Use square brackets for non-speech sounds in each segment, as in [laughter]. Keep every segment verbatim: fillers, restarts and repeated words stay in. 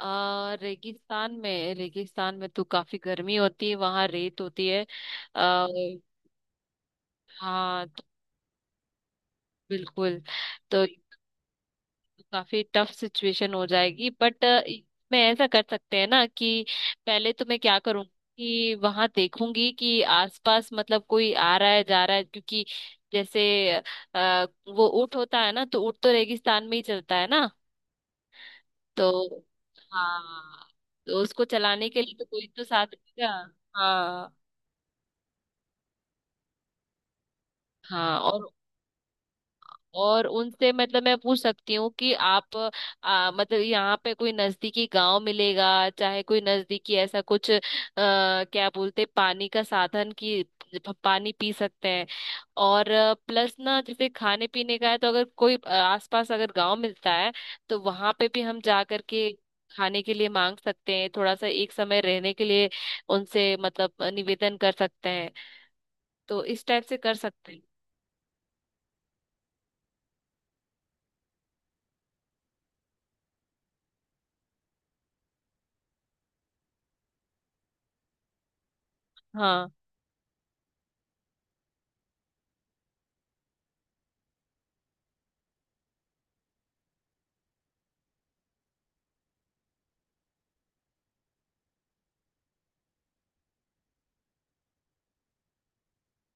आ, रेगिस्तान में रेगिस्तान में तो काफी गर्मी होती है, वहां रेत होती है। आ, हाँ तो बिल्कुल। तो ये तो काफी टफ सिचुएशन हो जाएगी, बट मैं ऐसा कर सकते हैं ना कि पहले तो मैं क्या करूँगी कि वहां देखूंगी कि आसपास, मतलब, कोई आ रहा है जा रहा है, क्योंकि जैसे आ, वो ऊँट होता है ना, तो ऊँट तो रेगिस्तान में ही चलता है ना। तो हाँ। तो उसको चलाने के लिए तो कोई तो साथ रहेगा। हाँ, हाँ। और और उनसे मतलब मैं पूछ सकती हूँ कि आप, आ, मतलब यहाँ पे कोई नजदीकी गांव मिलेगा, चाहे कोई नजदीकी ऐसा कुछ, आ, क्या बोलते, पानी का साधन की पानी पी सकते हैं। और प्लस ना जैसे खाने पीने का है, तो अगर कोई अ, आसपास अगर गांव मिलता है, तो वहां पे भी हम जा करके खाने के लिए मांग सकते हैं, थोड़ा सा एक समय रहने के लिए उनसे मतलब निवेदन कर सकते हैं। तो इस टाइप से कर सकते हैं। हाँ।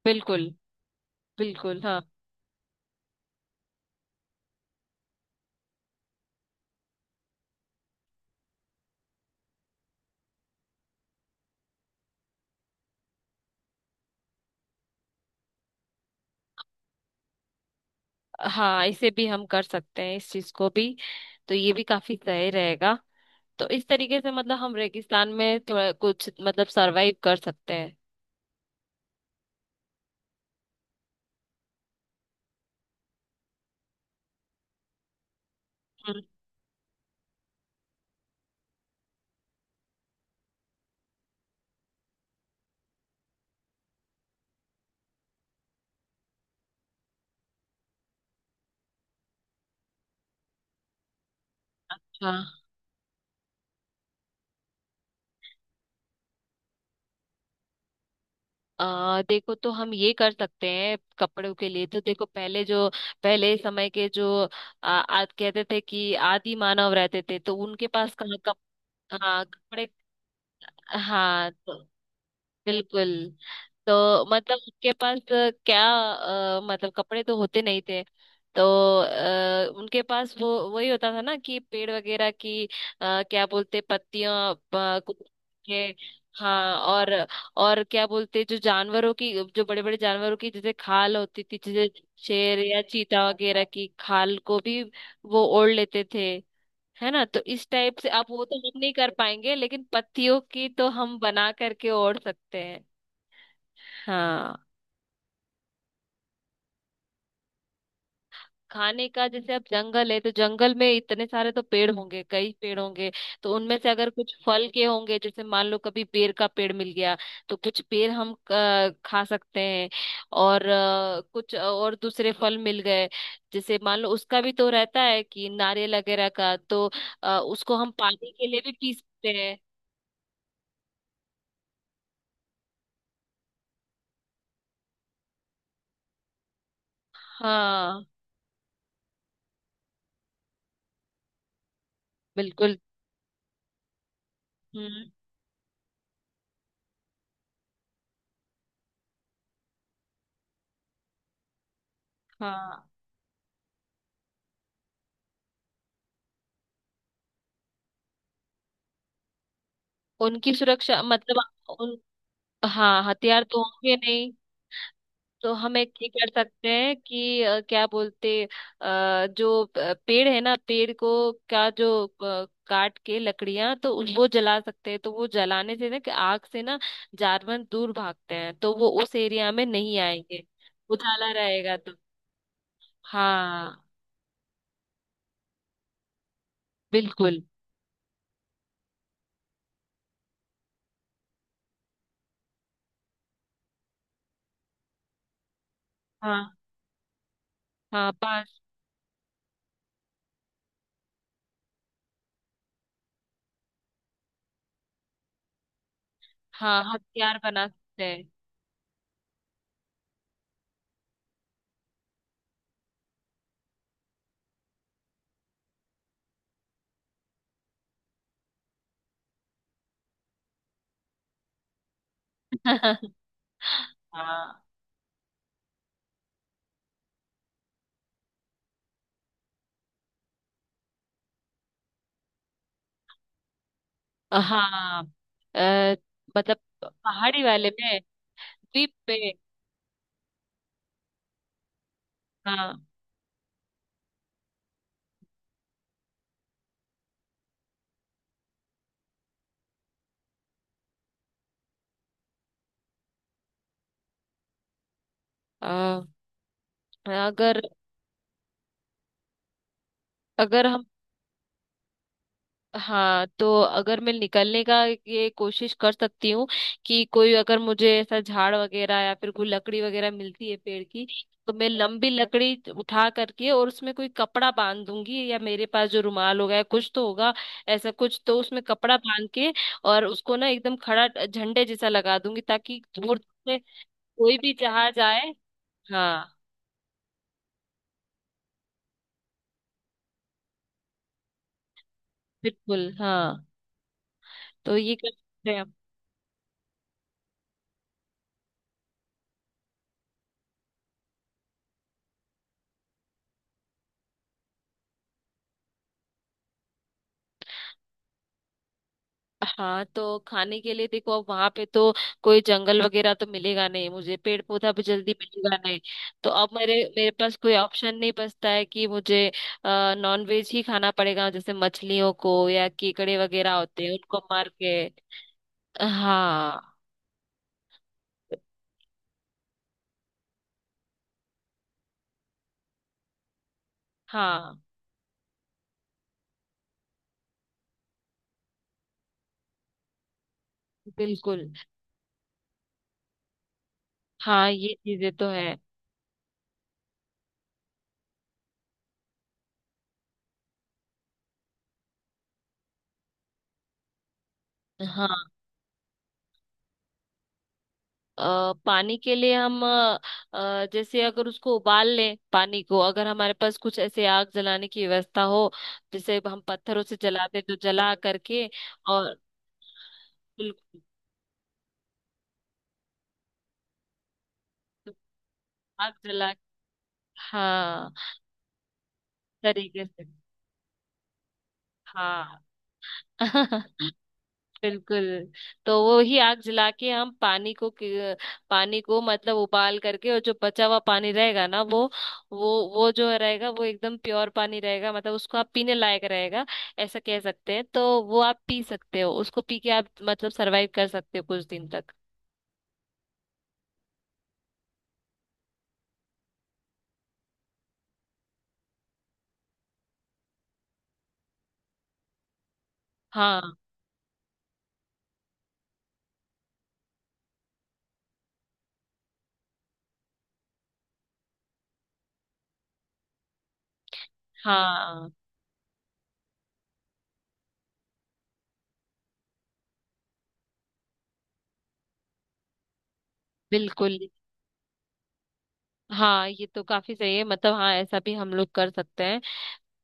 बिल्कुल, बिल्कुल। हाँ, हाँ, इसे भी हम कर सकते हैं, इस चीज को भी। तो ये भी काफी सही रेगा। तो इस तरीके से मतलब हम रेगिस्तान में थोड़ा कुछ मतलब सरवाइव कर सकते हैं। हम्म, अच्छा। आ, देखो तो हम ये कर सकते हैं, कपड़ों के लिए तो देखो, पहले जो पहले समय के जो आ, आ, कहते थे कि आदि मानव रहते थे, तो उनके पास कहाँ कप, हाँ कपड़े। हाँ तो बिल्कुल। तो मतलब उनके पास अ, क्या, अ, मतलब कपड़े तो होते नहीं थे। तो आ, उनके पास वो वही होता था ना कि पेड़ वगैरह की, अ, क्या बोलते, पत्तियां, अ, कुछ के। हाँ। और और क्या बोलते, जो जानवरों की जो बड़े बड़े जानवरों की जैसे खाल होती थी, जैसे शेर या चीता वगैरह की खाल को भी वो ओढ़ लेते थे, है ना। तो इस टाइप से आप, वो तो हम नहीं कर पाएंगे, लेकिन पत्तियों की तो हम बना करके ओढ़ सकते हैं। हाँ। खाने का जैसे, अब जंगल है तो जंगल में इतने सारे तो पेड़ होंगे, कई पेड़ होंगे, तो उनमें से अगर कुछ फल के होंगे, जैसे मान लो कभी बेर का पेड़ मिल गया, तो कुछ पेड़ हम अ, खा सकते हैं। और अ, कुछ और दूसरे फल मिल गए, जैसे मान लो उसका भी तो रहता है कि नारियल वगैरह का, तो अ, उसको हम पानी के लिए भी पी सकते हैं। हाँ, बिल्कुल। हम्म। हाँ। उनकी सुरक्षा मतलब, उन हाँ, हथियार तो होंगे नहीं। तो हम एक ये कर सकते हैं कि अ, क्या बोलते, अ, जो प- पेड़ है ना, पेड़ को क्या, जो अ, काट के लकड़ियां, तो उस- वो जला सकते हैं। तो वो जलाने से ना, कि आग से ना जानवर दूर भागते हैं, तो वो उस एरिया में नहीं आएंगे। उजाला रहेगा तो। हाँ। बिल्कुल, हाँ, हाँ, पास। हाँ, हथियार बना सकते हैं। [laughs] हाँ, हाँ। अ, मतलब पहाड़ी वाले में, द्वीप पे। हाँ। अगर अगर हम हाँ, तो अगर मैं निकलने का ये कोशिश कर सकती हूँ कि कोई अगर मुझे ऐसा झाड़ वगैरह या फिर कोई लकड़ी वगैरह मिलती है पेड़ की, तो मैं लंबी लकड़ी उठा करके और उसमें कोई कपड़ा बांध दूंगी, या मेरे पास जो रुमाल होगा या कुछ तो होगा, ऐसा कुछ, तो उसमें कपड़ा बांध के और उसको ना एकदम खड़ा झंडे जैसा लगा दूंगी ताकि दूर से कोई भी जहाज आए। हाँ, बिल्कुल। हाँ, तो ये कर सकते हैं हम। हाँ, तो खाने के लिए देखो, अब वहां पे तो कोई जंगल वगैरह तो मिलेगा नहीं, मुझे पेड़ पौधा भी जल्दी मिलेगा नहीं। तो अब मेरे मेरे पास कोई ऑप्शन नहीं बचता है कि मुझे नॉन वेज ही खाना पड़ेगा, जैसे मछलियों को या केकड़े वगैरह होते हैं, उनको मार के। हाँ, हाँ, बिल्कुल। हाँ, ये चीजें तो है। हाँ। अ, पानी के लिए हम, अ, अ, जैसे अगर उसको उबाल लें, पानी को, अगर हमारे पास कुछ ऐसे आग जलाने की व्यवस्था हो, जैसे हम पत्थरों से जलाते, तो जला करके। और बिल्कुल। आग जला, हाँ, तरीके से। हाँ। [laughs] बिल्कुल। तो वो ही आग जला के हम पानी को, कि- पानी को मतलब उबाल करके, और जो बचा हुआ पानी रहेगा ना, वो वो वो जो रहेगा, वो एकदम प्योर पानी रहेगा, मतलब उसको आप पीने लायक रहेगा, ऐसा कह सकते हैं। तो वो आप पी सकते हो, उसको पी के आप मतलब सरवाइव कर सकते हो कुछ दिन तक। हाँ, हाँ, बिल्कुल। हाँ, ये तो काफी सही है, मतलब हाँ, ऐसा भी हम लोग कर सकते हैं।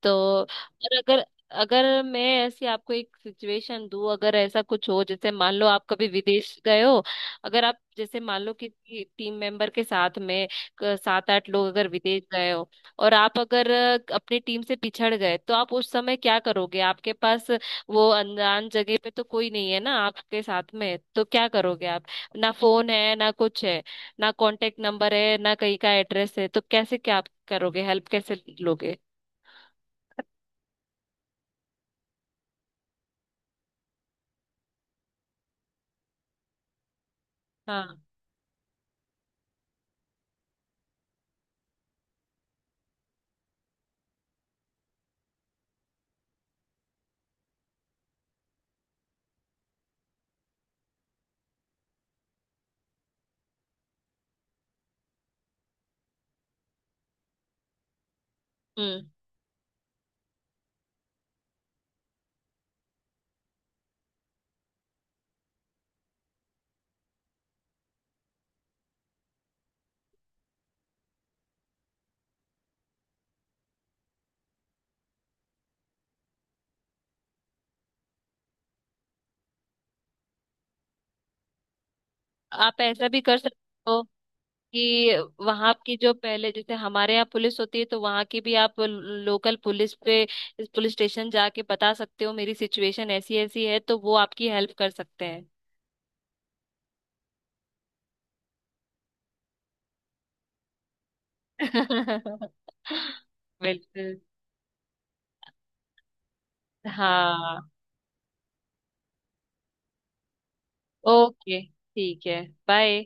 तो और अगर अगर मैं ऐसी आपको एक सिचुएशन दूं, अगर ऐसा कुछ हो, जैसे मान लो आप कभी विदेश गए हो, अगर आप जैसे मान लो किसी टीम मेंबर के साथ में क- सात आठ लोग अगर विदेश गए हो, और आप अगर अ, अपनी टीम से पिछड़ गए, तो आप उस समय क्या करोगे? आपके पास, वो अनजान जगह पे तो कोई नहीं है ना आपके साथ में, तो क्या करोगे आप? ना फोन है ना कुछ है, ना कांटेक्ट नंबर है ना कहीं का एड्रेस है, तो कैसे क्या आप करोगे? हेल्प कैसे लोगे? हाँ। हम्म। आप ऐसा भी कर सकते हो कि वहां की जो पहले जैसे हमारे यहाँ पुलिस होती है, तो वहां की भी आप लोकल पुलिस पे, पुलिस स्टेशन जाके बता सकते हो, मेरी सिचुएशन ऐसी ऐसी है, तो वो आपकी हेल्प कर सकते हैं। [laughs] बिल्कुल, हाँ। ओके, ठीक है। बाय।